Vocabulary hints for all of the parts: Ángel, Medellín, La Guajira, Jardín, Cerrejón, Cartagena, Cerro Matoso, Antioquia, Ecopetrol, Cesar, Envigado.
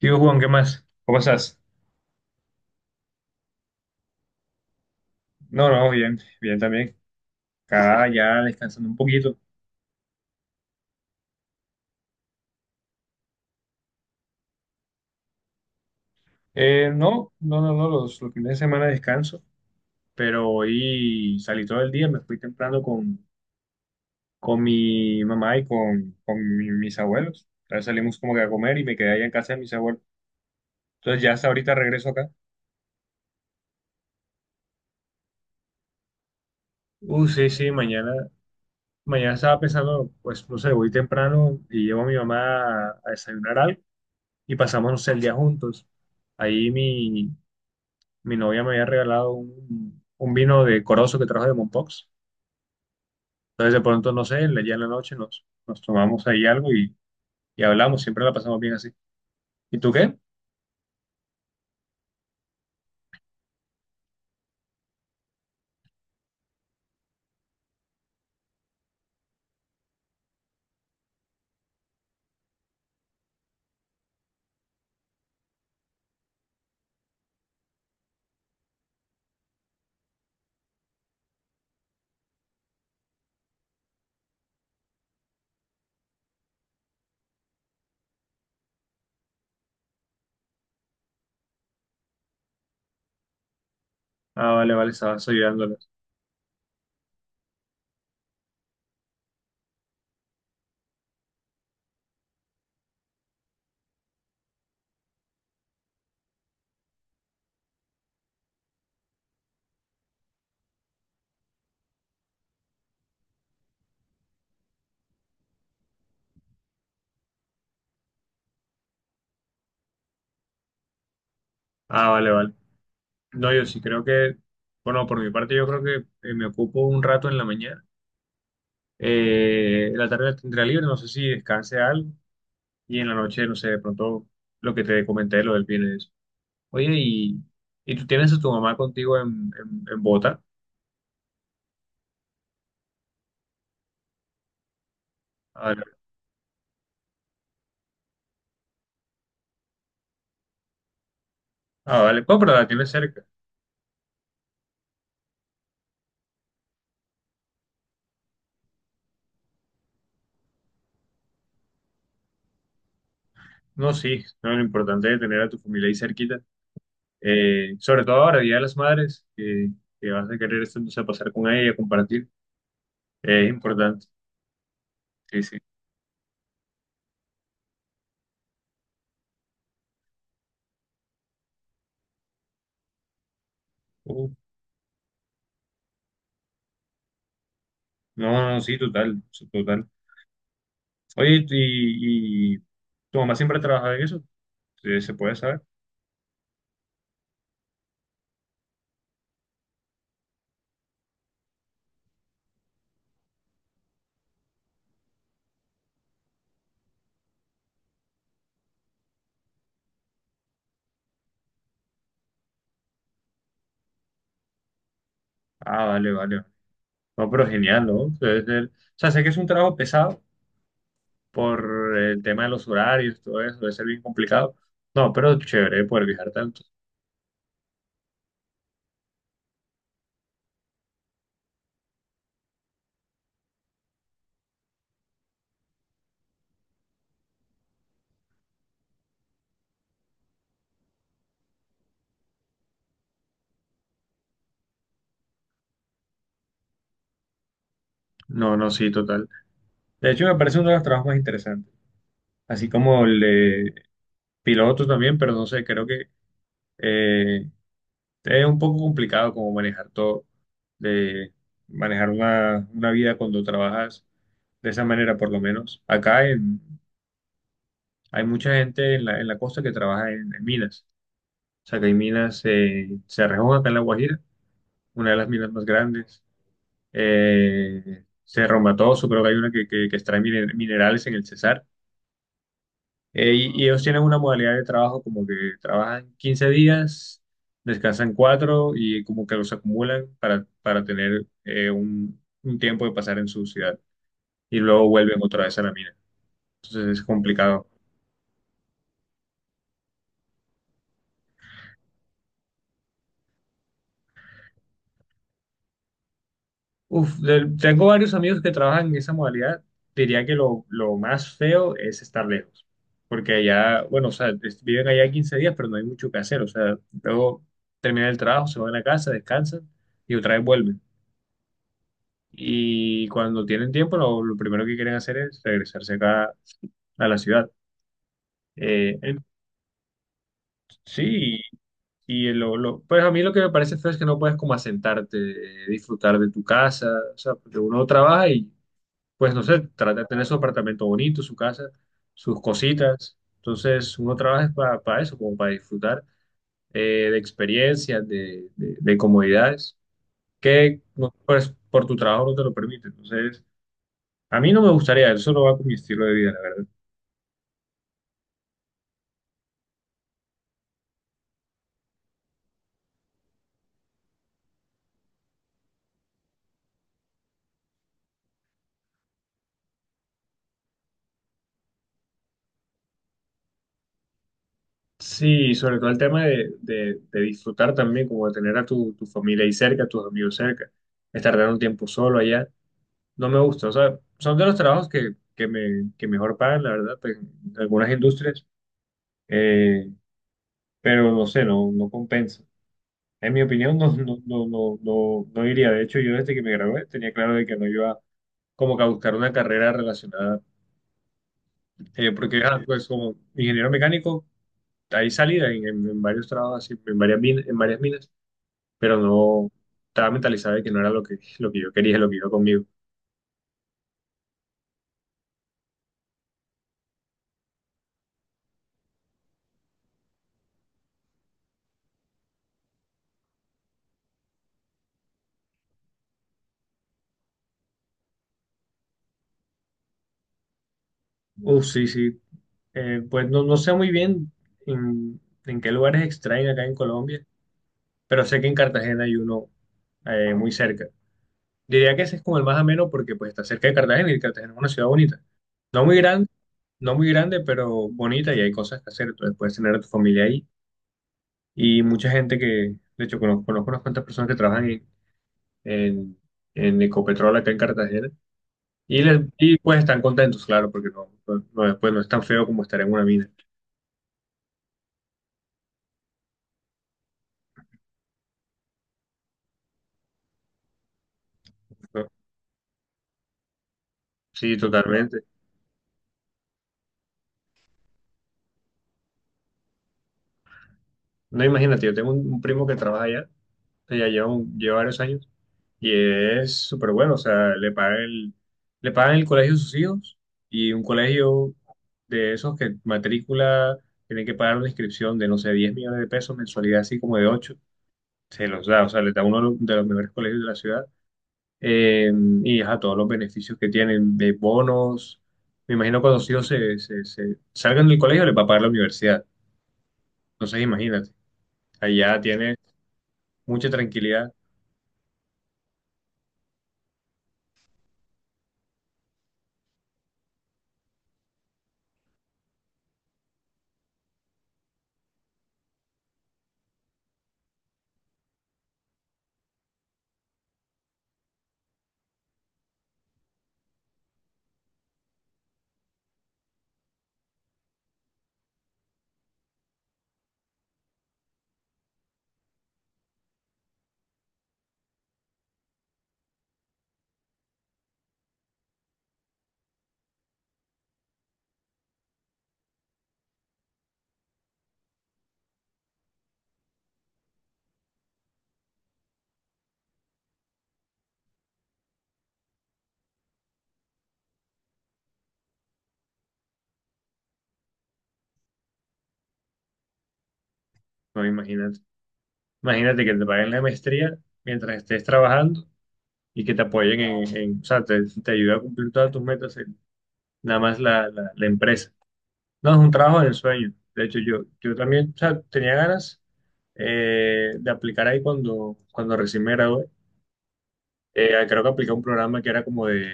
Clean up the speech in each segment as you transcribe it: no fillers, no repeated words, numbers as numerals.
¿Y vos, Juan, qué más? ¿Cómo estás? No, no, bien, bien también. Acá ya descansando un poquito. No, no, no, no, los fines de semana descanso, pero hoy salí todo el día, me fui temprano con mi mamá y mis abuelos. Entonces salimos como que a comer y me quedé allá en casa de mis abuelos. Entonces ya hasta ahorita regreso acá. Sí, sí, mañana, mañana estaba pensando, pues no sé, voy temprano y llevo a mi mamá a desayunar algo y pasamos, no sé, el día juntos. Ahí mi, Mi novia me había regalado un vino de Corozo que trajo de Mompox. Entonces de pronto, no sé, ya en la noche nos tomamos ahí algo y hablamos, siempre la pasamos bien así. ¿Y tú qué? Ah, vale, vale, estabas ayudándoles. Ah, vale, vale. No, yo sí creo que, bueno, por mi parte yo creo que me ocupo un rato en la mañana. La tarde la tendré libre, no sé si descanse algo. Y en la noche, no sé, de pronto lo que te comenté, lo del viernes. Oye, ¿ y tú tienes a tu mamá contigo en Bogotá? Ah, vale. Pues, pero la tienes cerca. No, sí, no, lo importante es tener a tu familia ahí cerquita. Sobre todo ahora, Día de las Madres, que vas a querer este, entonces, pasar con ella, compartir. Es importante. Sí, sí. Uh, no, no, sí, total, sí, total. Oye, ¿ y tu mamá siempre ha trabajado en eso? Sí, ¿se puede saber? Ah, vale, vale. No, pero genial, ¿no? Debe ser... O sea, sé que es un trabajo pesado por el tema de los horarios, todo eso, debe ser bien complicado. No, pero chévere poder viajar tanto. No, no, sí, total. De hecho, me parece uno de los trabajos más interesantes. Así como el de piloto también, pero no sé, creo que eh, es un poco complicado como manejar todo, de manejar una vida cuando trabajas de esa manera, por lo menos. Acá en... hay mucha gente en la costa que trabaja en minas. O sea, que hay minas, Cerrejón, acá en La Guajira, una de las minas más grandes. Cerro Matoso, creo que hay una que extrae mine- minerales en el Cesar. Y ellos tienen una modalidad de trabajo como que trabajan 15 días, descansan 4 y como que los acumulan para tener un tiempo de pasar en su ciudad y luego vuelven otra vez a la mina. Entonces es complicado. Uf, de- tengo varios amigos que trabajan en esa modalidad. Diría que lo más feo es estar lejos, porque allá, bueno, o sea, es- viven allá 15 días, pero no hay mucho que hacer. O sea, luego terminan el trabajo, se van a la casa, descansan y otra vez vuelven. Y cuando tienen tiempo lo primero que quieren hacer es regresarse acá a la ciudad. Eh, en- sí, y pues a mí lo que me parece feo es que no puedes como asentarte, disfrutar de tu casa, o sea, porque uno trabaja y pues no sé, trata de tener su apartamento bonito, su casa, sus cositas. Entonces uno trabaja para eso, como para disfrutar de experiencias, de comodidades, que no, pues, por tu trabajo no te lo permite. Entonces... a mí no me gustaría, eso no va con mi estilo de vida. Sí, sobre todo el tema de disfrutar también, como de tener a tu familia ahí cerca, a tus amigos cerca, estar dando un tiempo solo allá, no me gusta. O sea, son de los trabajos que mejor pagan, la verdad, pues, en algunas industrias, eh, pero no sé, no, no compensa. En mi opinión, no, no, no, no, no, no iría. De hecho, yo desde que me gradué tenía claro de que no iba como que a buscar una carrera relacionada, porque ah, pues como ingeniero mecánico, ahí salida en varios trabajos, así, en varias min- en varias minas, pero no estaba mentalizado de que no era lo que yo quería, lo que iba conmigo. Uf, sí, sí. Pues no, no sé muy bien en, en qué lugares extraen acá en Colombia, pero sé que en Cartagena hay uno muy cerca. Diría que ese es como el más ameno porque pues está cerca de Cartagena y Cartagena es una ciudad bonita. No muy grande, no muy grande, pero bonita y hay cosas que hacer. Entonces puedes tener a tu familia ahí y mucha gente que, de hecho, conozco, conozco unas cuantas personas que trabajan en, en Ecopetrol acá en Cartagena. Y pues están contentos, claro, porque no, no, no, después no es tan feo como estar en una mina. ¿No? Sí, totalmente. No, imagínate, yo tengo un primo que trabaja allá, que ya lleva, un- lleva varios años, y es súper bueno, o sea, le pagan el colegio a sus hijos, y un colegio de esos que matrícula, tiene que pagar una inscripción de, no sé, 10 millones de pesos, mensualidad así como de 8 se los da, o sea, le da uno de los mejores colegios de la ciudad, eh, y a todos los beneficios que tienen de bonos. Me imagino cuando los hijos se, se- se salgan del colegio les va a pagar la universidad. Entonces imagínate, allá tiene mucha tranquilidad. No, imagínate. Imagínate que te paguen la maestría mientras estés trabajando y que te apoyen en- o sea, te ayuda a cumplir todas tus metas, nada más la empresa. No, es un trabajo del sueño. De hecho, yo también, o sea, tenía ganas de aplicar ahí cuando recién me gradué. Creo que apliqué un programa que era como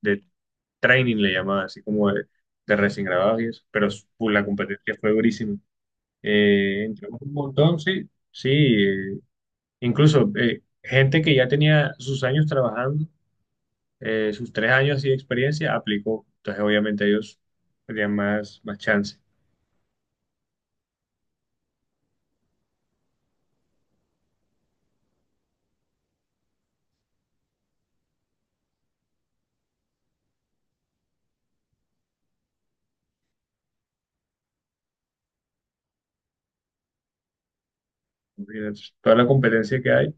de training, le llamaba, así como de recién grabados y eso, pero su- la competencia fue durísima. Entramos un montón, sí, sí, incluso gente que ya tenía sus años trabajando, sus 3 años así de experiencia, aplicó, entonces obviamente ellos tenían más, más chance. Imagínate, toda la competencia que hay,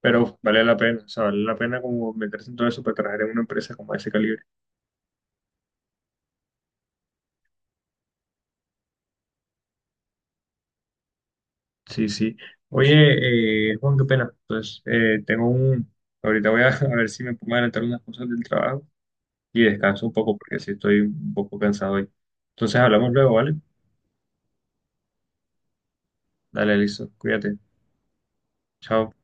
pero vale la pena, o sea, vale la pena como meterse en todo eso para trabajar en una empresa como ese calibre. Sí, sí. Oye, Juan, qué pena. Entonces, tengo un... Ahorita voy a, a ver si me pongo a adelantar unas cosas del trabajo y descanso un poco porque sí estoy un poco cansado hoy. Entonces, hablamos luego, ¿vale? Dale, listo. Cuídate. Chao.